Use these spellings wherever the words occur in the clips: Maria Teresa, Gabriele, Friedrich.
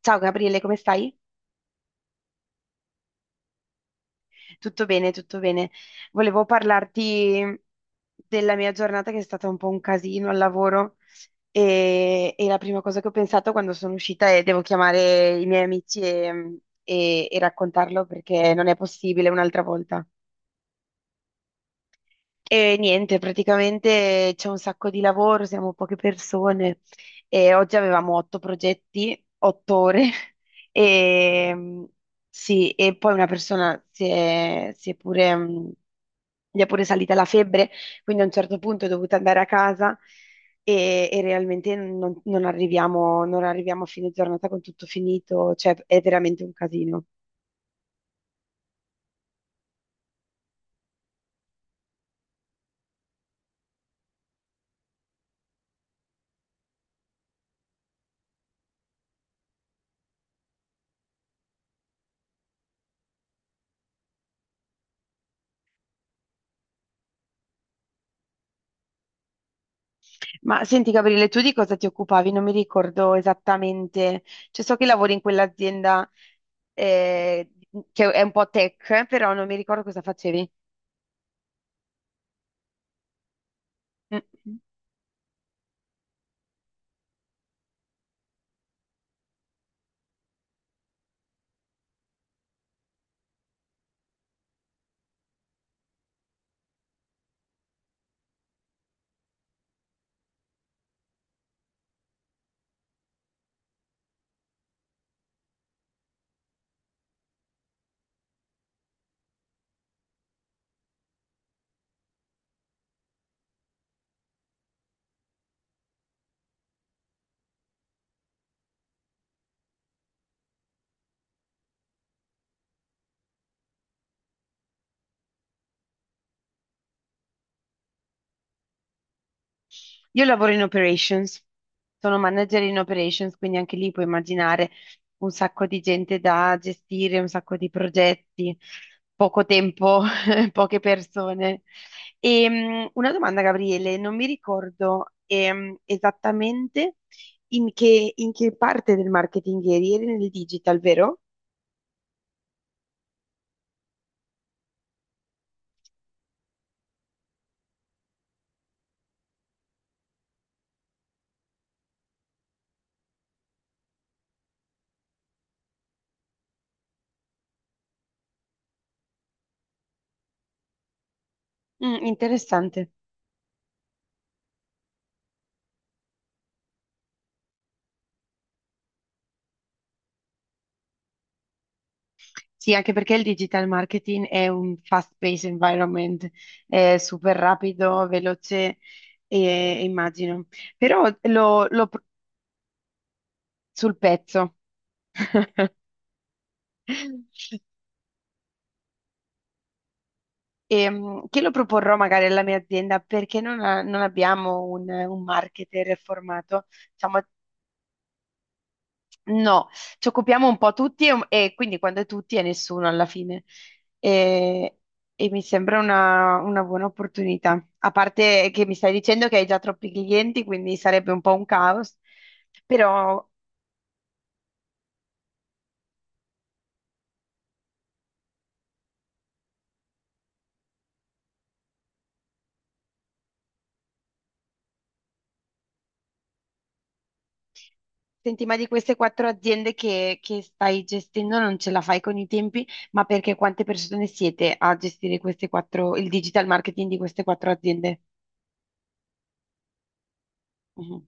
Ciao Gabriele, come stai? Tutto bene, tutto bene. Volevo parlarti della mia giornata che è stata un po' un casino al lavoro e la prima cosa che ho pensato quando sono uscita è devo chiamare i miei amici e raccontarlo perché non è possibile un'altra volta. E niente, praticamente c'è un sacco di lavoro, siamo poche persone e oggi avevamo otto progetti, 8 ore e sì, e poi una persona si è pure, gli è pure salita la febbre, quindi a un certo punto è dovuta andare a casa e realmente non arriviamo a fine giornata con tutto finito, cioè è veramente un casino. Ma senti Gabriele, tu di cosa ti occupavi? Non mi ricordo esattamente, cioè so che lavori in quell'azienda, eh, che è un po' tech, però non mi ricordo cosa facevi. Mm. Io lavoro in operations, sono manager in operations, quindi anche lì puoi immaginare un sacco di gente da gestire, un sacco di progetti, poco tempo, poche persone. E, una domanda, Gabriele, non mi ricordo esattamente in che parte del marketing eri nel digital, vero? Mm, interessante. Sì, anche perché il digital marketing è un fast-paced environment, è super rapido, veloce, immagino. Però lo sul pezzo. Che lo proporrò magari alla mia azienda perché non abbiamo un marketer formato. Diciamo, no, ci occupiamo un po' tutti e quindi quando è tutti è nessuno alla fine. E, e mi sembra una buona opportunità. A parte che mi stai dicendo che hai già troppi clienti, quindi sarebbe un po' un caos. Però, senti, ma di queste quattro aziende che stai gestendo non ce la fai con i tempi, ma perché quante persone siete a gestire queste quattro, il digital marketing di queste quattro aziende? Mhm.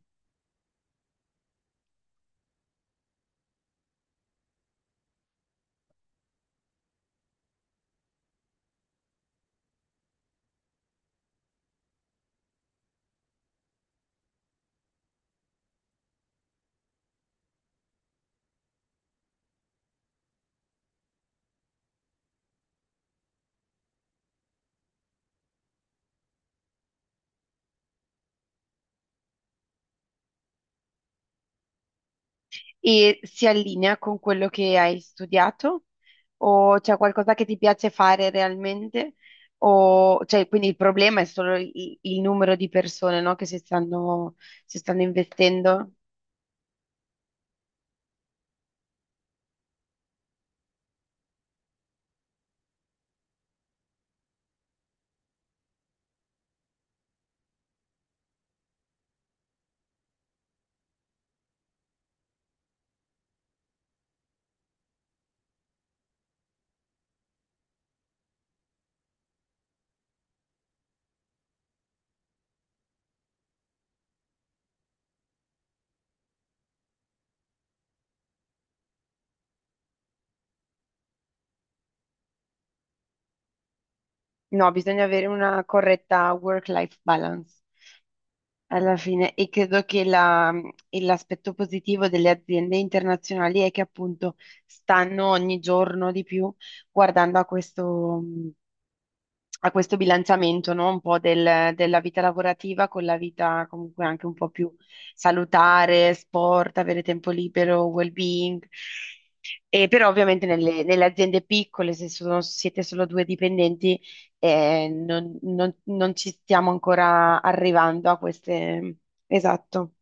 E si allinea con quello che hai studiato? O c'è qualcosa che ti piace fare realmente? O, cioè, quindi il problema è solo il numero di persone, no, che si stanno investendo? No, bisogna avere una corretta work-life balance alla fine e credo che e l'aspetto positivo delle aziende internazionali è che appunto stanno ogni giorno di più guardando a questo bilanciamento, no? Un po' della vita lavorativa con la vita comunque anche un po' più salutare, sport, avere tempo libero, well-being. E però ovviamente nelle aziende piccole, se siete solo due dipendenti, non ci stiamo ancora arrivando a queste. Esatto.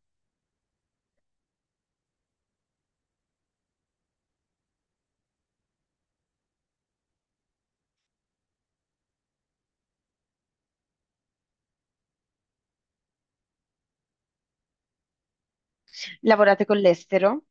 Lavorate con l'estero?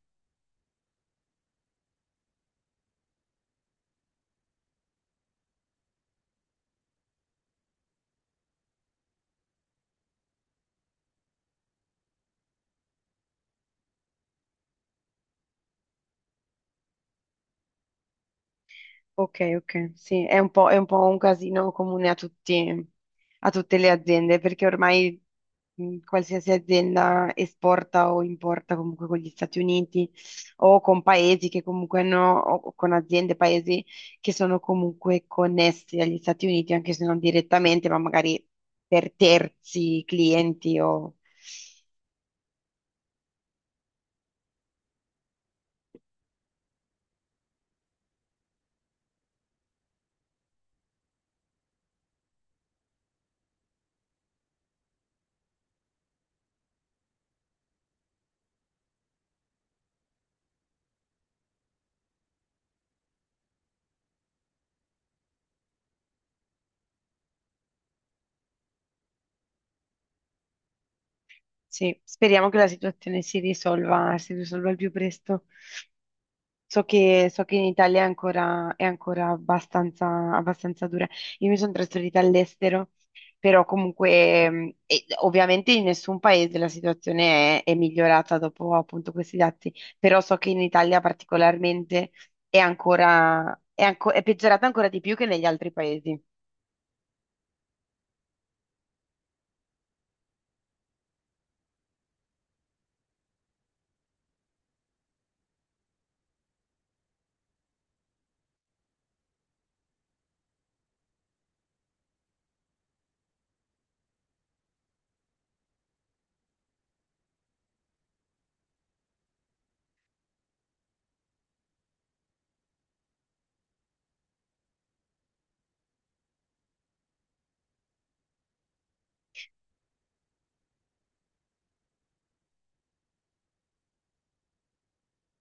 Ok, ok, sì, è un po' un casino comune a a tutte le aziende, perché ormai qualsiasi azienda esporta o importa comunque con gli Stati Uniti o con paesi che comunque hanno, o con aziende, paesi che sono comunque connessi agli Stati Uniti, anche se non direttamente, ma magari per terzi clienti o. Sì, speriamo che la situazione si risolva il più presto. So che in Italia è ancora abbastanza, abbastanza dura. Io mi sono trasferita all'estero, però comunque, e ovviamente in nessun paese la situazione è migliorata dopo appunto questi dati, però so che in Italia particolarmente è peggiorata ancora di più che negli altri paesi.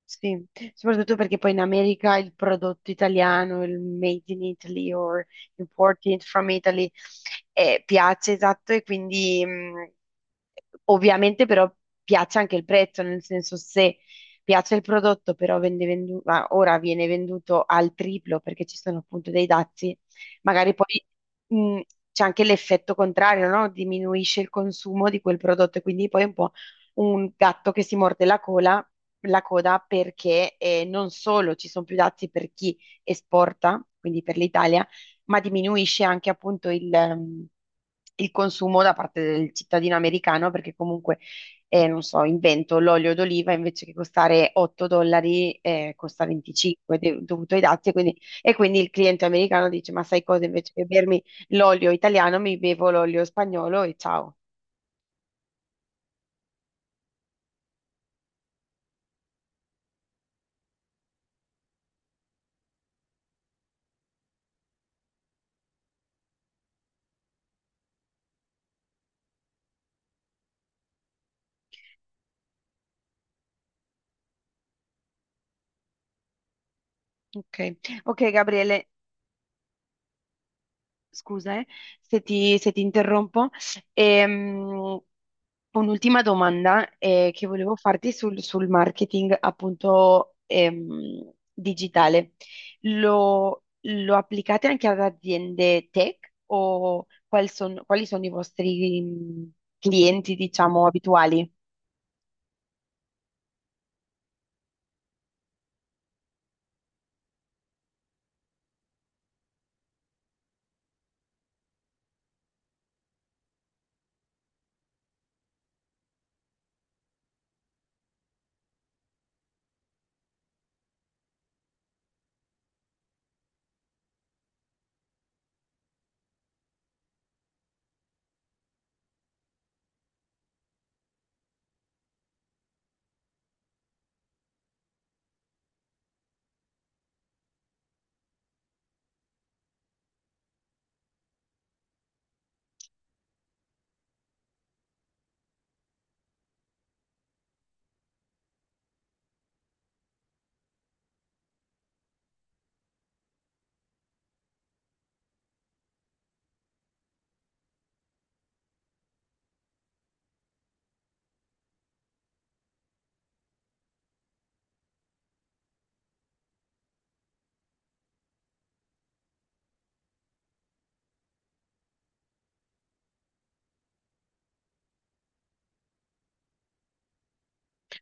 Sì, soprattutto perché poi in America il prodotto italiano, il made in Italy or imported from Italy, piace, esatto, e quindi ovviamente però piace anche il prezzo, nel senso se piace il prodotto però ah, ora viene venduto al triplo perché ci sono appunto dei dazi, magari poi mh, c'è anche l'effetto contrario, no? Diminuisce il consumo di quel prodotto e quindi poi è un po' un gatto che si morde la coda perché non solo ci sono più dazi per chi esporta, quindi per l'Italia, ma diminuisce anche appunto il consumo da parte del cittadino americano perché comunque, non so, invento l'olio d'oliva invece che costare 8 dollari costa 25 dovuto ai dazi e quindi il cliente americano dice ma sai cosa invece che bermi l'olio italiano mi bevo l'olio spagnolo e ciao. Ok, ok, Gabriele. Scusa, se ti interrompo. Ehm, un'ultima domanda che volevo farti sul marketing appunto digitale. Lo applicate anche ad aziende tech o quali sono i vostri clienti, diciamo, abituali?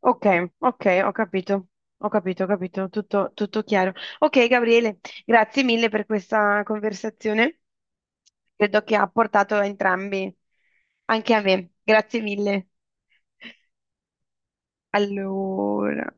Ok, ok, ho capito, ho capito, ho capito, tutto, tutto chiaro. Ok, Gabriele, grazie mille per questa conversazione. Credo che ha portato a entrambi, anche a me. Grazie mille. Allora.